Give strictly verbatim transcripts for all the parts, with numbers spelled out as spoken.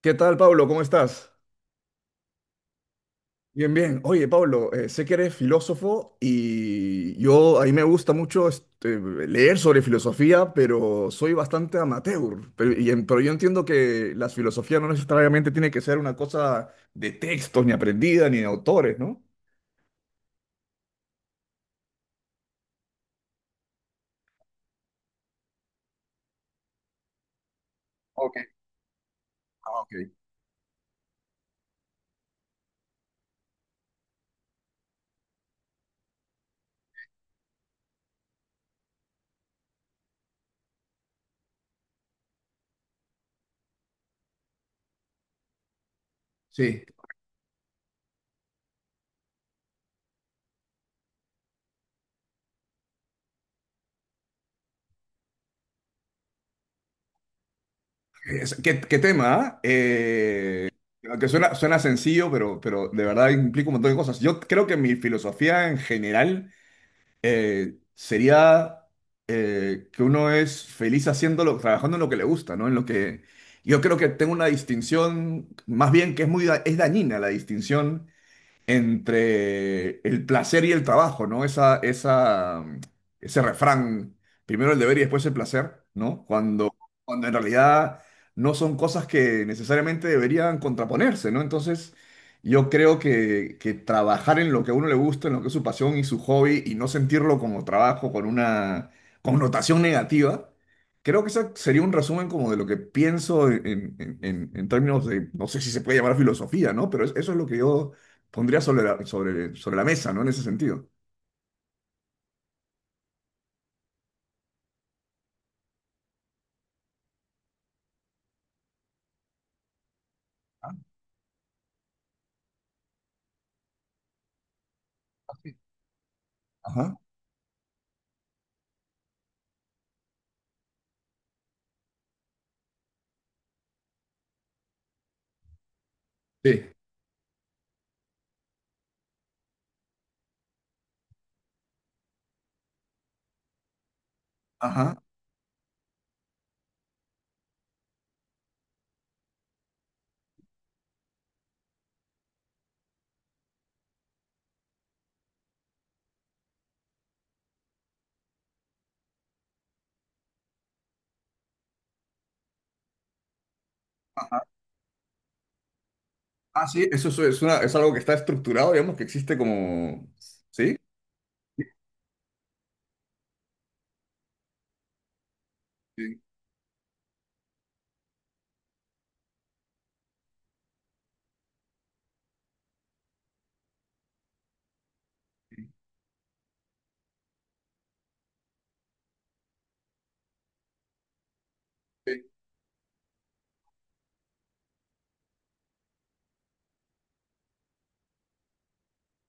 ¿Qué tal, Pablo? ¿Cómo estás? Bien, bien. Oye, Pablo, eh, sé que eres filósofo y yo, a mí me gusta mucho este, leer sobre filosofía, pero soy bastante amateur. Pero, y en- pero yo entiendo que la filosofía no necesariamente tiene que ser una cosa de textos, ni aprendida, ni de autores, ¿no? Ok, ah, ok. Sí. Es- ¿Qué, qué tema? ¿Ah? Eh, aunque suena, suena sencillo, pero, pero de verdad implica un montón de cosas. Yo creo que mi filosofía en general eh, sería eh, que uno es feliz haciéndolo, trabajando en lo que le gusta, ¿no? En lo que yo creo que tengo una distinción, más bien que es muy da- es dañina la distinción entre el placer y el trabajo, ¿no? Esa, esa, ese refrán, primero el deber y después el placer, ¿no? Cuando, cuando en realidad no son cosas que necesariamente deberían contraponerse, ¿no? Entonces, yo creo que, que trabajar en lo que a uno le gusta, en lo que es su pasión y su hobby, y no sentirlo como trabajo con una connotación negativa. Creo que ese sería un resumen como de lo que pienso en, en- en- en términos de, no sé si se puede llamar filosofía, ¿no? Pero es- eso es lo que yo pondría sobre la, sobre, sobre la mesa, ¿no? En ese sentido. Ah, sí. Ajá. Sí. Ajá. Ah, sí, eso es, es una- es algo que está estructurado, digamos, que existe como... ¿Sí? Sí, sí, sí,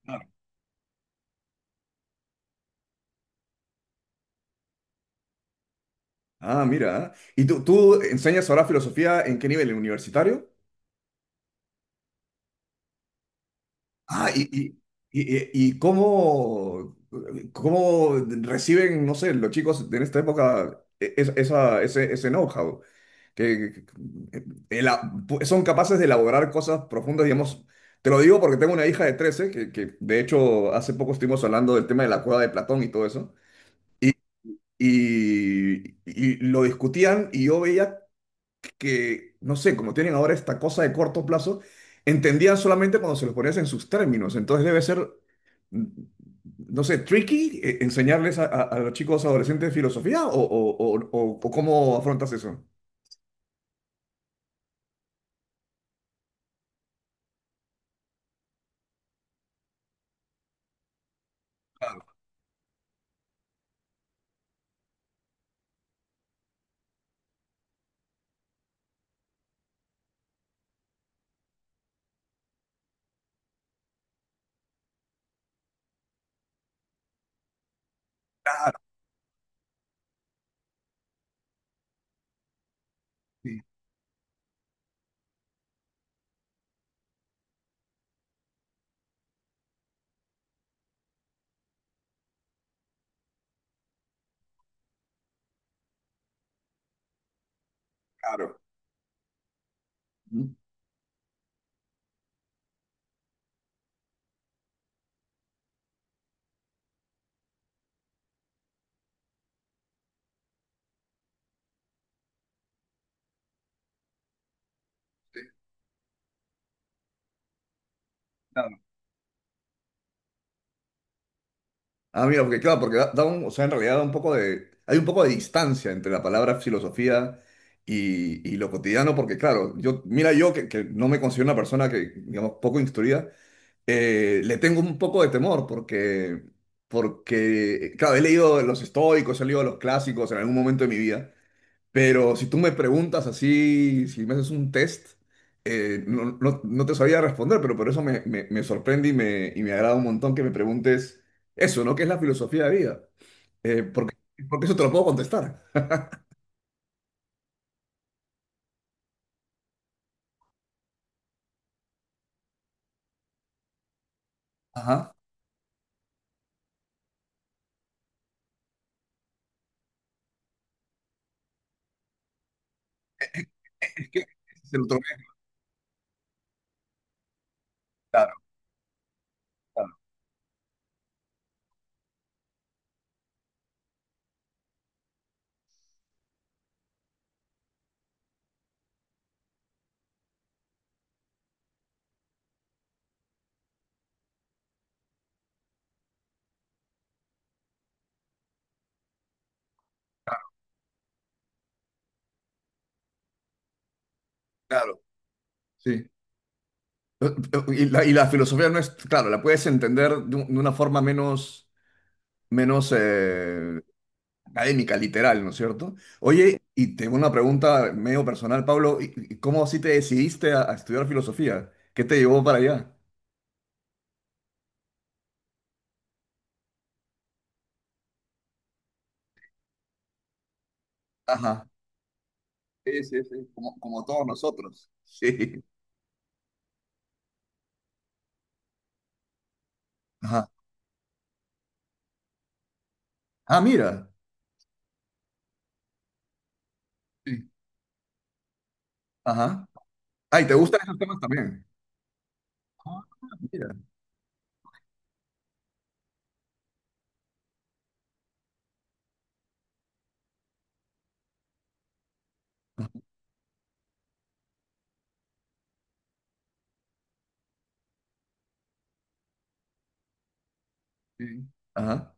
claro. Ah, mira. ¿Y tú, tú enseñas ahora filosofía en qué nivel? ¿En universitario? Ah, y, y, y, y- y ¿Cómo, cómo reciben, no sé, los chicos en esta época e- es- esa, ese, ese know-how? que, que- que- ela- pu- ¿Son capaces de elaborar cosas profundas, digamos? Te lo digo porque tengo una hija de trece que, que de hecho hace poco estuvimos hablando del tema de la cueva de Platón y todo eso, y, y, y lo discutían y yo veía que, no sé, como tienen ahora esta cosa de corto plazo, entendían solamente cuando se los ponías en sus términos, entonces debe ser, mm, no sé, tricky, eh, enseñarles a, a- a los chicos adolescentes filosofía o, o, o, o- o cómo afrontas eso. Ah. Sí, claro. Claro. Ah, mira, porque claro, porque da, da un, o sea, en realidad da un poco de, hay un poco de distancia entre la palabra filosofía y, y lo cotidiano, porque claro, yo, mira, yo que, que no me considero una persona que, digamos, poco instruida, eh, le tengo un poco de temor, porque, porque, claro, he leído los estoicos, he leído los clásicos en algún momento de mi vida. Pero si tú me preguntas así, si me haces un test, eh, no, no- no te sabía responder, pero por eso me, me- me sorprende y me, y me agrada un montón que me preguntes eso, ¿no? ¿Qué es la filosofía de vida? Eh, porque, Porque eso te lo puedo contestar. Ajá. Es que se lo tomé, claro, claro, claro, sí. Y la, y la filosofía no es, claro, la puedes entender de, un- de una forma menos, menos, eh, académica, literal, ¿no es cierto? Oye, y tengo una pregunta medio personal, Pablo, ¿y- y ¿cómo así te decidiste a, a estudiar filosofía? ¿Qué te llevó para allá? Ajá. Sí, sí, sí, como, como todos nosotros. Sí. Ajá. Ah, mira. Sí. Ajá. Ah, ¿y te gustan esos temas también? Ah, mira. Sí. Ajá.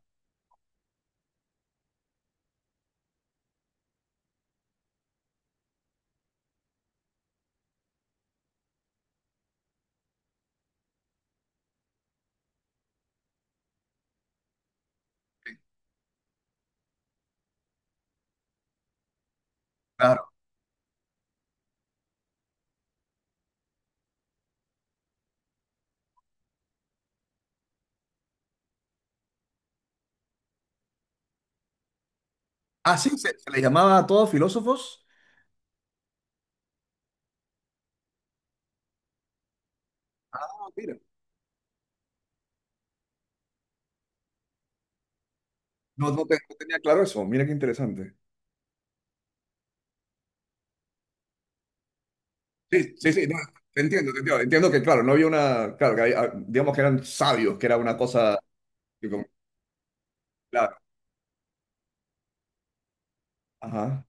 Claro. Ah, sí, se, se les llamaba a todos filósofos. Ah, mira. No, no, te- no tenía claro eso. Mira qué interesante. Sí, sí, sí, no, te entiendo, te entiendo. Entiendo que, claro, no había una, claro, que hay- ah, digamos que eran sabios, que era una cosa, que como- claro, ajá,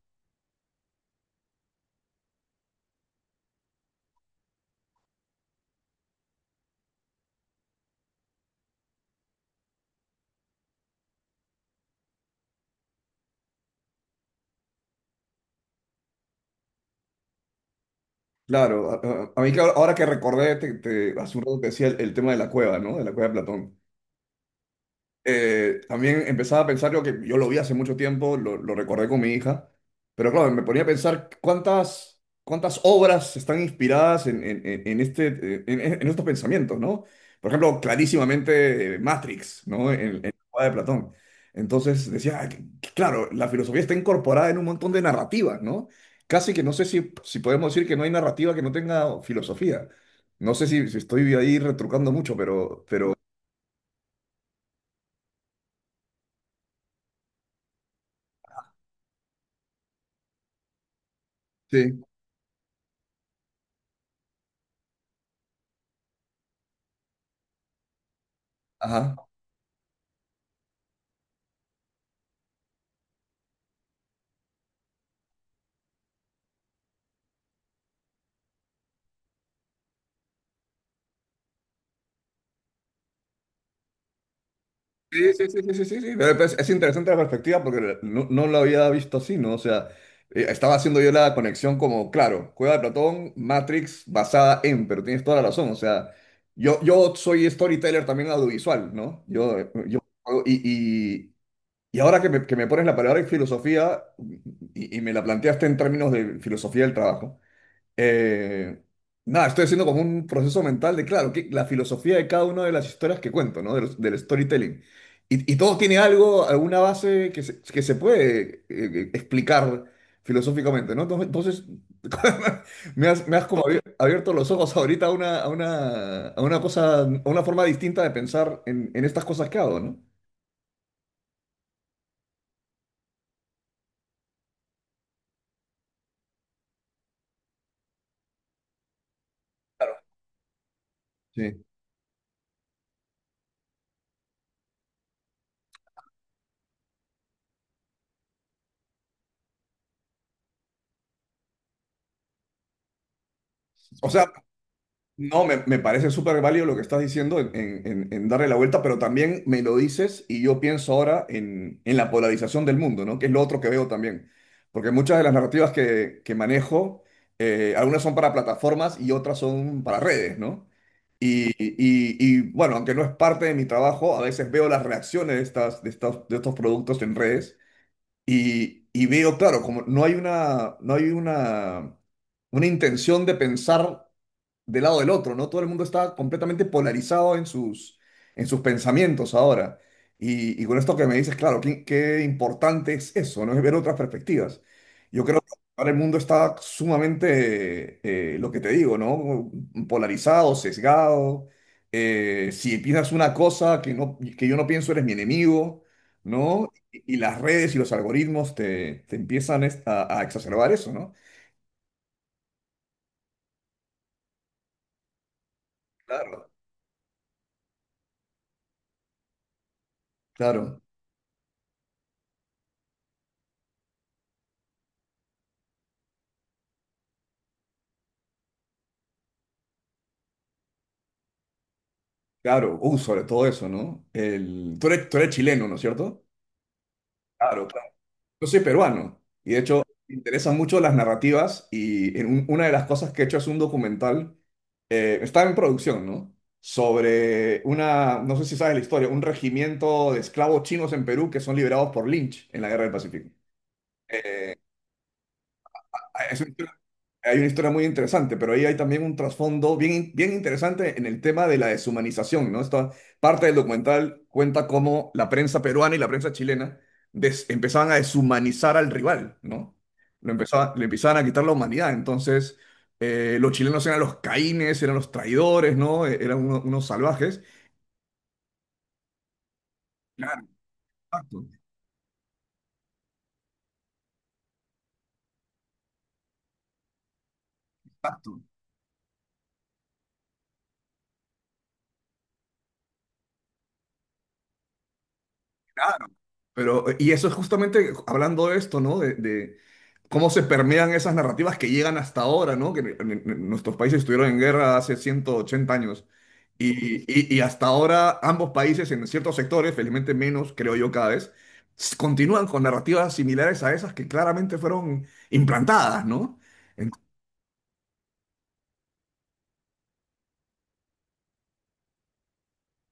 claro. A, a- a mí, claro, ahora que recordé, te, te- hace un rato te decía el, el tema de la cueva, ¿no? De la cueva de Platón. Eh, también empezaba a pensar yo que yo lo vi hace mucho tiempo, lo, lo recordé con mi hija, pero claro, me ponía a pensar cuántas, cuántas obras están inspiradas en, en- en- en este, eh, en, en estos pensamientos, ¿no? Por ejemplo, clarísimamente, eh, Matrix, ¿no? En, en la obra de Platón. Entonces decía, ah, que- que claro, la filosofía está incorporada en un montón de narrativas, ¿no? Casi que no sé si, si podemos decir que no hay narrativa que no tenga filosofía. No sé si, si estoy ahí retrucando mucho, pero, pero... Sí. Sí, sí, sí, sí, sí, sí, sí. Pero, pues, es interesante la perspectiva porque no, no lo había visto así, ¿no? O sea, eh, estaba haciendo yo la conexión como, claro, Cueva de Platón, Matrix basada en, pero tienes toda la razón, o sea, yo, yo soy storyteller también audiovisual, ¿no? Yo, yo, y, y, y ahora que me, que me pones la palabra en filosofía y, y me la planteaste en términos de filosofía del trabajo. Eh, Nada, estoy haciendo como un proceso mental de, claro, que la filosofía de cada una de las historias que cuento, ¿no? De los- del storytelling. Y, y todo tiene algo, alguna base que se, que se puede, eh, explicar filosóficamente, ¿no? Entonces, me has, me has como abier- abierto los ojos ahorita a una, a una, a una cosa, a una forma distinta de pensar en, en estas cosas que hago, ¿no? Sí. O sea, no, me, me parece súper válido lo que estás diciendo en, en- en- en darle la vuelta, pero también me lo dices y yo pienso ahora en, en la polarización del mundo, ¿no? Que es lo otro que veo también. Porque muchas de las narrativas que, que manejo, eh, algunas son para plataformas y otras son para redes, ¿no? Y, y- y, bueno, aunque no es parte de mi trabajo, a veces veo las reacciones de estas, de estos, de estos productos en redes y, y veo, claro, como no hay una, no hay una, una intención de pensar del lado del otro, ¿no? Todo el mundo está completamente polarizado en sus, en sus pensamientos ahora. Y, y con esto que me dices, claro, qué, qué importante es eso, ¿no? Es ver otras perspectivas. Yo creo que ahora el mundo está sumamente, eh, lo que te digo, ¿no? Polarizado, sesgado. Eh, si piensas una cosa que, no, que yo no pienso, eres mi enemigo, ¿no? Y, y las redes y los algoritmos te, te empiezan es- a, a exacerbar eso, ¿no? Claro. Claro. Claro, uh, sobre todo eso, ¿no? El, tú eres, tú eres chileno, ¿no es cierto? Claro, claro. Yo soy peruano y de hecho me interesan mucho las narrativas y en un- una de las cosas que he hecho es un documental, eh, está en producción, ¿no? Sobre una, no sé si sabes la historia, un regimiento de esclavos chinos en Perú que son liberados por Lynch en la Guerra del Pacífico. Ah, es una historia. Hay una historia muy interesante, pero ahí hay también un trasfondo bien, bien interesante en el tema de la deshumanización, ¿no? Esta parte del documental cuenta cómo la prensa peruana y la prensa chilena des- empezaban a deshumanizar al rival, ¿no? Lo empezaba- le empezaban a quitar la humanidad. Entonces, eh, los chilenos eran los caínes, eran los traidores, ¿no? E- Eran uno- unos salvajes. Claro, exacto, exacto. Pero, y eso es justamente hablando de esto, ¿no? De, de cómo se permean esas narrativas que llegan hasta ahora, ¿no? Que en- en- en nuestros países estuvieron en guerra hace ciento ochenta años. Y, y- y hasta ahora ambos países en ciertos sectores, felizmente menos, creo yo cada vez, s- continúan con narrativas similares a esas que claramente fueron implantadas, ¿no? En-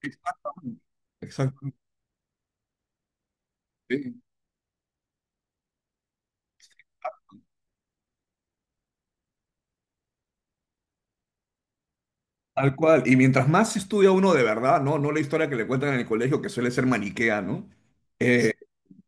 Exactamente. Exactamente. Sí. Tal cual. Y mientras más estudia uno de verdad, ¿no? No la historia que le cuentan en el colegio, que suele ser maniquea, ¿no? Eh,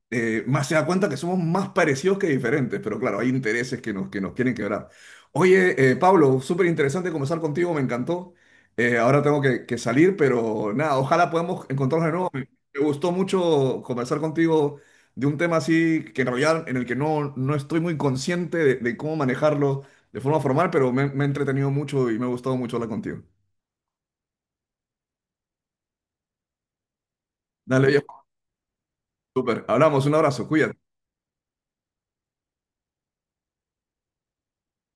eh, más se da cuenta que somos más parecidos que diferentes, pero claro, hay intereses que nos, que nos quieren quebrar. Oye, eh, Pablo, súper interesante conversar contigo, me encantó. Eh, ahora tengo que, que salir, pero nada, ojalá podamos encontrarnos de nuevo. Me, me gustó mucho conversar contigo de un tema así que en realidad en el que no, no estoy muy consciente de, de cómo manejarlo de forma formal, pero me, me he entretenido mucho y me ha gustado mucho hablar contigo. Dale, viejo, súper. Hablamos, un abrazo, cuídate.